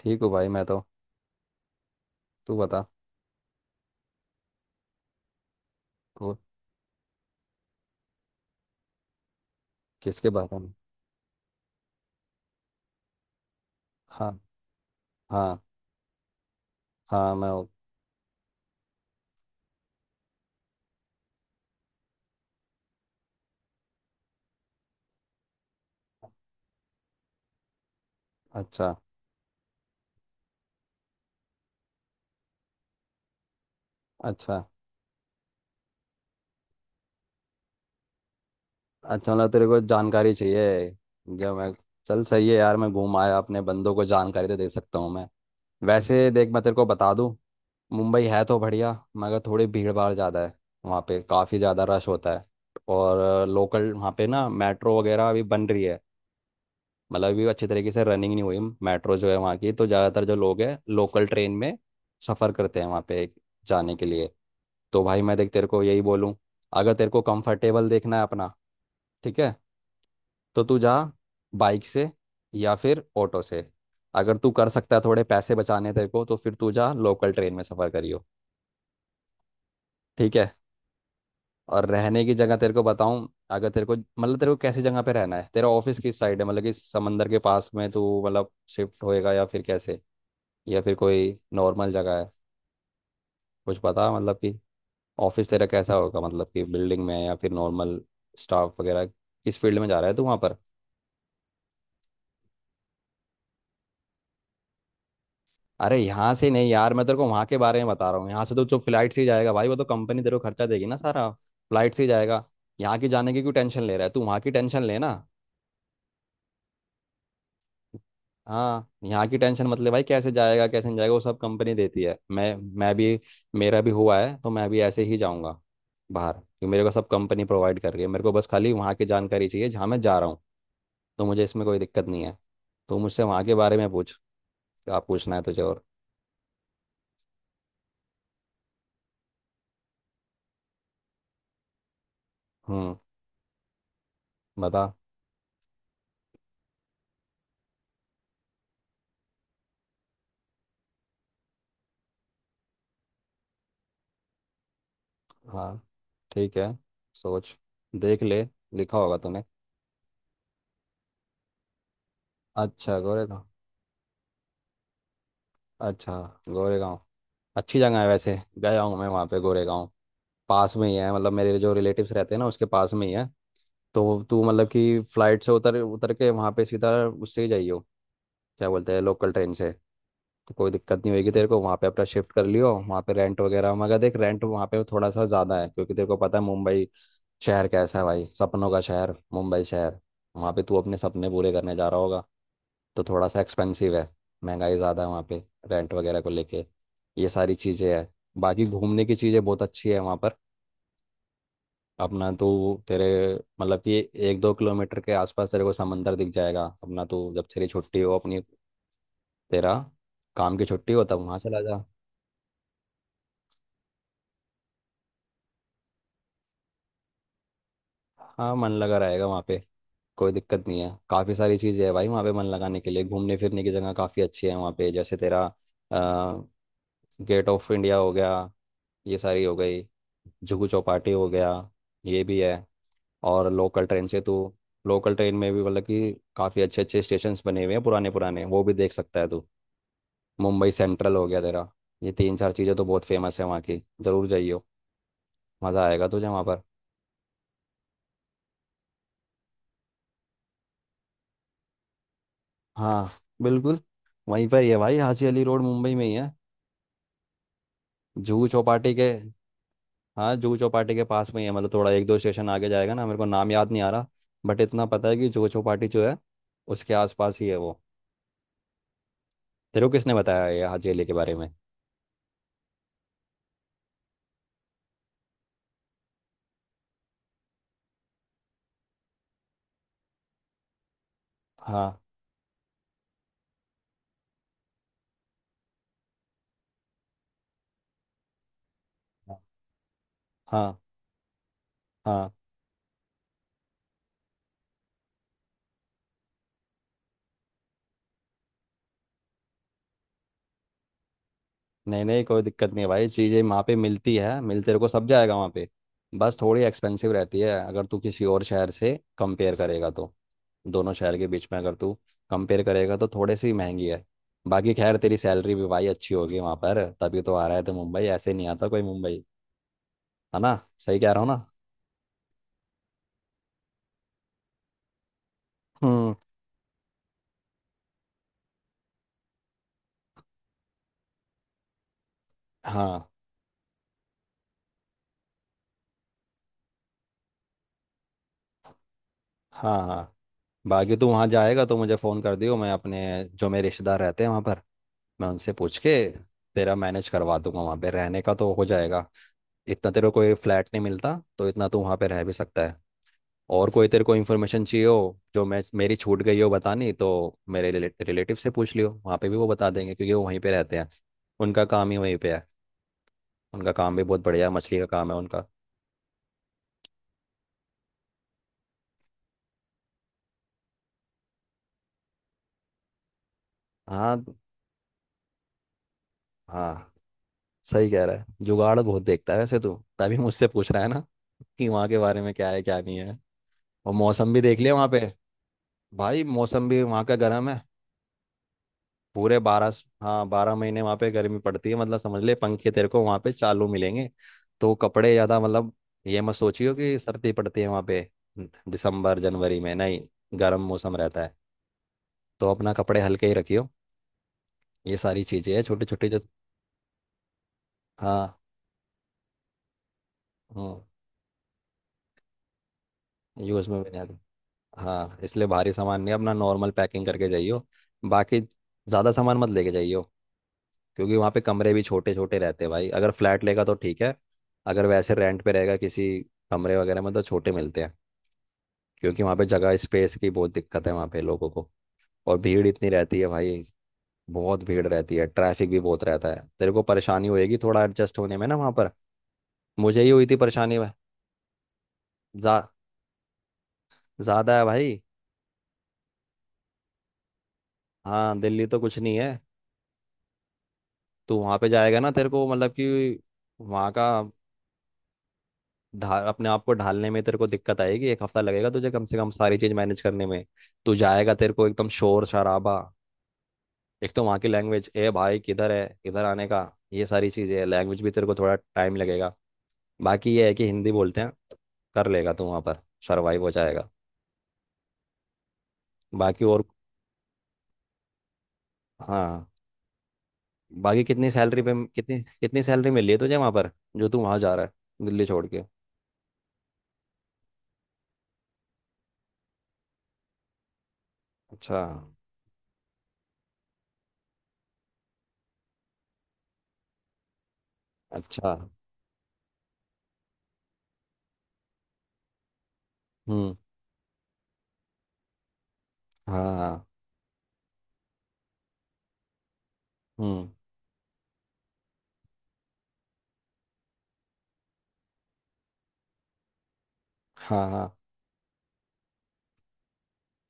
ठीक हूँ भाई मैं तो। तू बता। तू किसके बारे में। हाँ हाँ हाँ मैं हूँ। अच्छा अच्छा अच्छा, मतलब तेरे को जानकारी चाहिए। जब मैं चल सही है यार, मैं घूम आया, अपने बंदों को जानकारी तो दे सकता हूँ मैं। वैसे देख, मैं तेरे को बता दूँ। मुंबई है तो बढ़िया, मगर थोड़ी भीड़ भाड़ ज़्यादा है। वहाँ पे काफ़ी ज़्यादा रश होता है। और लोकल वहाँ पे ना मेट्रो वगैरह अभी बन रही है। मतलब अभी अच्छी तरीके से रनिंग नहीं हुई। मेट्रो जो है वहाँ की, तो ज़्यादातर जो लोग हैं लोकल ट्रेन में सफ़र करते हैं वहाँ पे जाने के लिए। तो भाई मैं देख, तेरे को यही बोलूँ, अगर तेरे को कंफर्टेबल देखना है अपना, ठीक है, तो तू जा बाइक से, या फिर ऑटो से। अगर तू कर सकता है थोड़े पैसे बचाने तेरे को, तो फिर तू जा लोकल ट्रेन में सफ़र करियो। ठीक है। और रहने की जगह तेरे को बताऊं, अगर तेरे को मतलब तेरे को कैसी जगह पे रहना है, तेरा ऑफिस किस साइड है, मतलब कि समंदर के पास में तू मतलब शिफ्ट होएगा या फिर कैसे। या फिर कोई नॉर्मल जगह है। कुछ पता मतलब कि ऑफिस तेरा कैसा होगा, मतलब कि बिल्डिंग में या फिर नॉर्मल। स्टाफ वगैरह किस फील्ड में जा रहा है तू वहाँ पर। अरे यहाँ से नहीं यार, मैं तेरे को वहाँ के बारे में बता रहा हूँ। यहाँ से तो जो फ्लाइट से ही जाएगा भाई, वो तो कंपनी तेरे को खर्चा देगी ना, सारा फ्लाइट से ही जाएगा। यहाँ की जाने की क्यों टेंशन ले रहा है तू, वहाँ की टेंशन लेना। हाँ यहाँ की टेंशन मतलब भाई कैसे जाएगा कैसे नहीं जाएगा वो सब कंपनी देती है। मैं भी, मेरा भी हुआ है, तो मैं भी ऐसे ही जाऊँगा बाहर, क्योंकि मेरे को सब कंपनी प्रोवाइड कर रही है। मेरे को बस खाली वहाँ की जानकारी चाहिए जहाँ मैं जा रहा हूँ। तो मुझे इसमें कोई दिक्कत नहीं है। तो मुझसे वहाँ के बारे में पूछ। आप पूछना है तुझे और। हम्म। बता। हाँ ठीक है, सोच, देख ले, लिखा होगा तूने। अच्छा गोरेगांव। अच्छा गोरेगांव, अच्छी जगह है, वैसे गया हूँ मैं वहाँ पे गोरेगांव। पास में ही है मतलब, मेरे जो रिलेटिव्स रहते हैं ना, उसके पास में ही है। तो तू मतलब कि फ्लाइट से उतर उतर के वहाँ पे सीधा उससे ही जाइयो। क्या बोलते हैं, लोकल ट्रेन से। तो कोई दिक्कत नहीं होगी तेरे को वहाँ पे, अपना शिफ्ट कर लियो वहाँ पे, रेंट वगैरह। मगर देख रेंट वहाँ पे थोड़ा सा ज़्यादा है, क्योंकि तेरे को पता है मुंबई शहर कैसा है भाई, सपनों का शहर मुंबई शहर। वहाँ पे तू अपने सपने पूरे करने जा रहा होगा, तो थोड़ा सा एक्सपेंसिव है, महंगाई ज़्यादा है वहाँ पे, रेंट वगैरह को लेके। ये सारी चीज़ें हैं। बाकी घूमने की चीज़ें बहुत अच्छी है वहाँ पर। अपना तू तेरे मतलब कि एक दो किलोमीटर के आसपास तेरे को समंदर दिख जाएगा। अपना तू जब तेरी छुट्टी हो अपनी, तेरा काम की छुट्टी हो, तब वहाँ चला जा। हाँ मन लगा रहेगा वहाँ पे, कोई दिक्कत नहीं है। काफ़ी सारी चीज़ें है भाई वहाँ पे मन लगाने के लिए। घूमने फिरने की जगह काफ़ी अच्छी है वहाँ पे, जैसे तेरा गेट ऑफ इंडिया हो गया, ये सारी हो गई, जुहू चौपाटी हो गया, ये भी है। और लोकल ट्रेन से तो, लोकल ट्रेन में भी मतलब कि काफ़ी अच्छे अच्छे स्टेशंस बने हुए हैं पुराने पुराने, वो भी देख सकता है तू। मुंबई सेंट्रल हो गया तेरा। ये तीन चार चीज़ें तो बहुत फेमस है वहाँ की, ज़रूर जाइयो। मज़ा आएगा तुझे वहाँ पर। हाँ बिल्कुल, वहीं पर ही है भाई, हाजी अली रोड मुंबई में ही है, जुहू चौपाटी के। हाँ जुहू चौपाटी के पास में ही है, मतलब थोड़ा एक दो स्टेशन आगे जाएगा ना, मेरे को नाम याद नहीं आ रहा। बट इतना पता है कि जुहू चौपाटी जो है, उसके आसपास ही है वो। तेरे को किसने बताया ये हाजी अली के बारे में। हाँ हाँ हाँ। नहीं नहीं कोई दिक्कत नहीं है भाई, चीज़ें वहाँ पे मिलती है, मिल तेरे को सब जाएगा वहाँ पे, बस थोड़ी एक्सपेंसिव रहती है, अगर तू किसी और शहर से कंपेयर करेगा तो। दोनों शहर के बीच में अगर तू कंपेयर करेगा तो थोड़ी सी महंगी है। बाकी खैर तेरी सैलरी भी भाई अच्छी होगी वहाँ पर, तभी तो आ रहा है, तो मुंबई ऐसे नहीं आता कोई मुंबई, है ना, सही कह रहा हूँ ना। हम्म। हाँ हाँ हाँ। बाकी तू वहाँ जाएगा तो मुझे फ़ोन कर दियो, मैं अपने जो मेरे रिश्तेदार रहते हैं वहाँ पर, मैं उनसे पूछ के तेरा मैनेज करवा दूंगा वहाँ पे, रहने का तो हो जाएगा। इतना तेरे को कोई फ्लैट नहीं मिलता, तो इतना तू वहाँ पे रह भी सकता है। और कोई तेरे को इन्फॉर्मेशन चाहिए हो जो मैं मेरी छूट गई हो बतानी, तो मेरे रिलेटिव से पूछ लियो वहाँ पे भी, वो बता देंगे क्योंकि वो वहीं पे रहते हैं, उनका काम ही वहीं पे है। उनका काम भी बहुत बढ़िया मछली का काम है उनका। हाँ हाँ। सही कह रहा है, जुगाड़ बहुत देखता है वैसे तू, तभी मुझसे पूछ रहा है ना कि वहाँ के बारे में क्या है क्या नहीं है। और मौसम भी देख लिया वहाँ पे। भाई मौसम भी वहाँ का गर्म है। पूरे 12। हाँ 12 महीने वहाँ पे गर्मी पड़ती है, मतलब समझ ले पंखे तेरे को वहाँ पे चालू मिलेंगे। तो कपड़े ज़्यादा मतलब, ये मत सोचियो कि सर्दी पड़ती है वहाँ पे। दिसंबर जनवरी में नहीं गर्म मौसम रहता है, तो अपना कपड़े हल्के ही रखियो। ये सारी चीज़ें हैं छोटी छोटी जो। हाँ हम्म, यूज़ में भी नहीं आती। हाँ इसलिए भारी सामान नहीं, अपना नॉर्मल पैकिंग करके जाइयो, बाकी ज़्यादा सामान मत लेके जाइयो, क्योंकि वहाँ पे कमरे भी छोटे छोटे रहते हैं भाई। अगर फ्लैट लेगा तो ठीक है, अगर वैसे रेंट पे रहेगा किसी कमरे वगैरह में तो छोटे मिलते हैं, क्योंकि वहाँ पे जगह स्पेस की बहुत दिक्कत है वहाँ पे लोगों को। और भीड़ इतनी रहती है भाई, बहुत भीड़ रहती है, ट्रैफिक भी बहुत रहता है, तेरे को परेशानी होएगी थोड़ा एडजस्ट होने में ना वहाँ पर। मुझे ही हुई थी परेशानी भाई। जा, ज़्यादा है भाई। हाँ दिल्ली तो कुछ नहीं है। तू वहाँ पे जाएगा ना, तेरे को मतलब कि वहाँ का ढाल, अपने आप को ढालने में तेरे को दिक्कत आएगी। एक हफ्ता लगेगा तुझे कम से कम सारी चीज मैनेज करने में। तू जाएगा तेरे को एकदम शोर शराबा। एक तो वहाँ की लैंग्वेज, ए भाई किधर है इधर आने का, ये सारी चीजें, लैंग्वेज भी तेरे को थोड़ा टाइम लगेगा। बाकी ये है कि हिंदी बोलते हैं, कर लेगा तू वहाँ पर, सर्वाइव हो जाएगा। बाकी और। हाँ बाकी कितनी सैलरी मिली है तुझे वहाँ पर, जो तू वहाँ जा रहा है दिल्ली छोड़ के। अच्छा अच्छा। हम्म। हाँ हाँ। हम्म। हाँ हाँ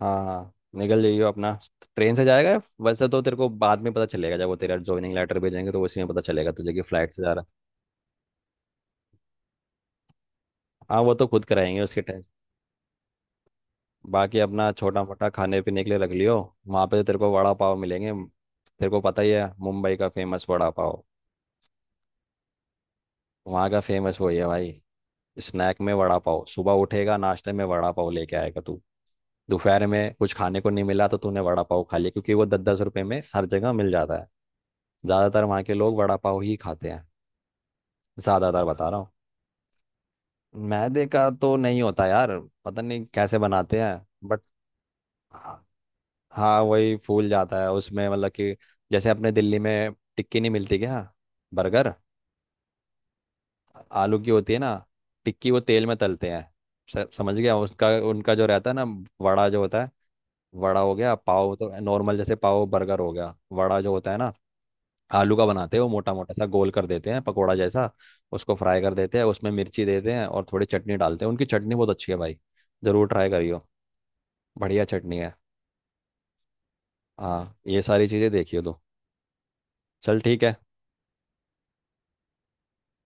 हाँ निकल जाइयो अपना। ट्रेन से जाएगा वैसे तो तेरे को बाद में पता चलेगा जब वो तेरा ज्वाइनिंग लेटर भेजेंगे तो उसी में पता चलेगा तुझे कि फ्लाइट से जा रहा है। हाँ वो तो खुद कराएंगे उसके टाइम। बाकी अपना छोटा मोटा खाने पीने के लिए रख लियो। वहाँ पे तो तेरे को वड़ा पाव मिलेंगे, तेरे को पता ही है मुंबई का फेमस वड़ा पाव। वहाँ का फेमस वही है भाई। स्नैक में वड़ा पाव, सुबह उठेगा नाश्ते में वड़ा पाव लेके आएगा तू, दोपहर में कुछ खाने को नहीं मिला तो तूने वड़ा पाव खा लिया, क्योंकि वो 10-10 रुपए में हर जगह मिल जाता है। ज़्यादातर वहाँ के लोग वड़ा पाव ही खाते हैं, ज्यादातर बता रहा हूँ। मैदे का तो नहीं होता यार, पता नहीं कैसे बनाते हैं बट। हाँ। हाँ, वही फूल जाता है उसमें मतलब कि जैसे अपने दिल्ली में टिक्की नहीं मिलती क्या, बर्गर। आलू की होती है ना, टिक्की वो तेल में तलते हैं। समझ गया उसका उनका जो रहता है ना, वड़ा जो होता है। वड़ा हो गया, पाव तो नॉर्मल जैसे पाव बर्गर हो गया, वड़ा जो होता है ना, आलू का बनाते हैं, वो मोटा मोटा सा गोल कर देते हैं पकोड़ा जैसा, उसको फ्राई कर देते हैं, उसमें मिर्ची देते हैं और थोड़ी चटनी डालते हैं। उनकी चटनी बहुत अच्छी है भाई, ज़रूर ट्राई करियो, बढ़िया चटनी है। हाँ ये सारी चीज़ें देखियो तू। चल ठीक है।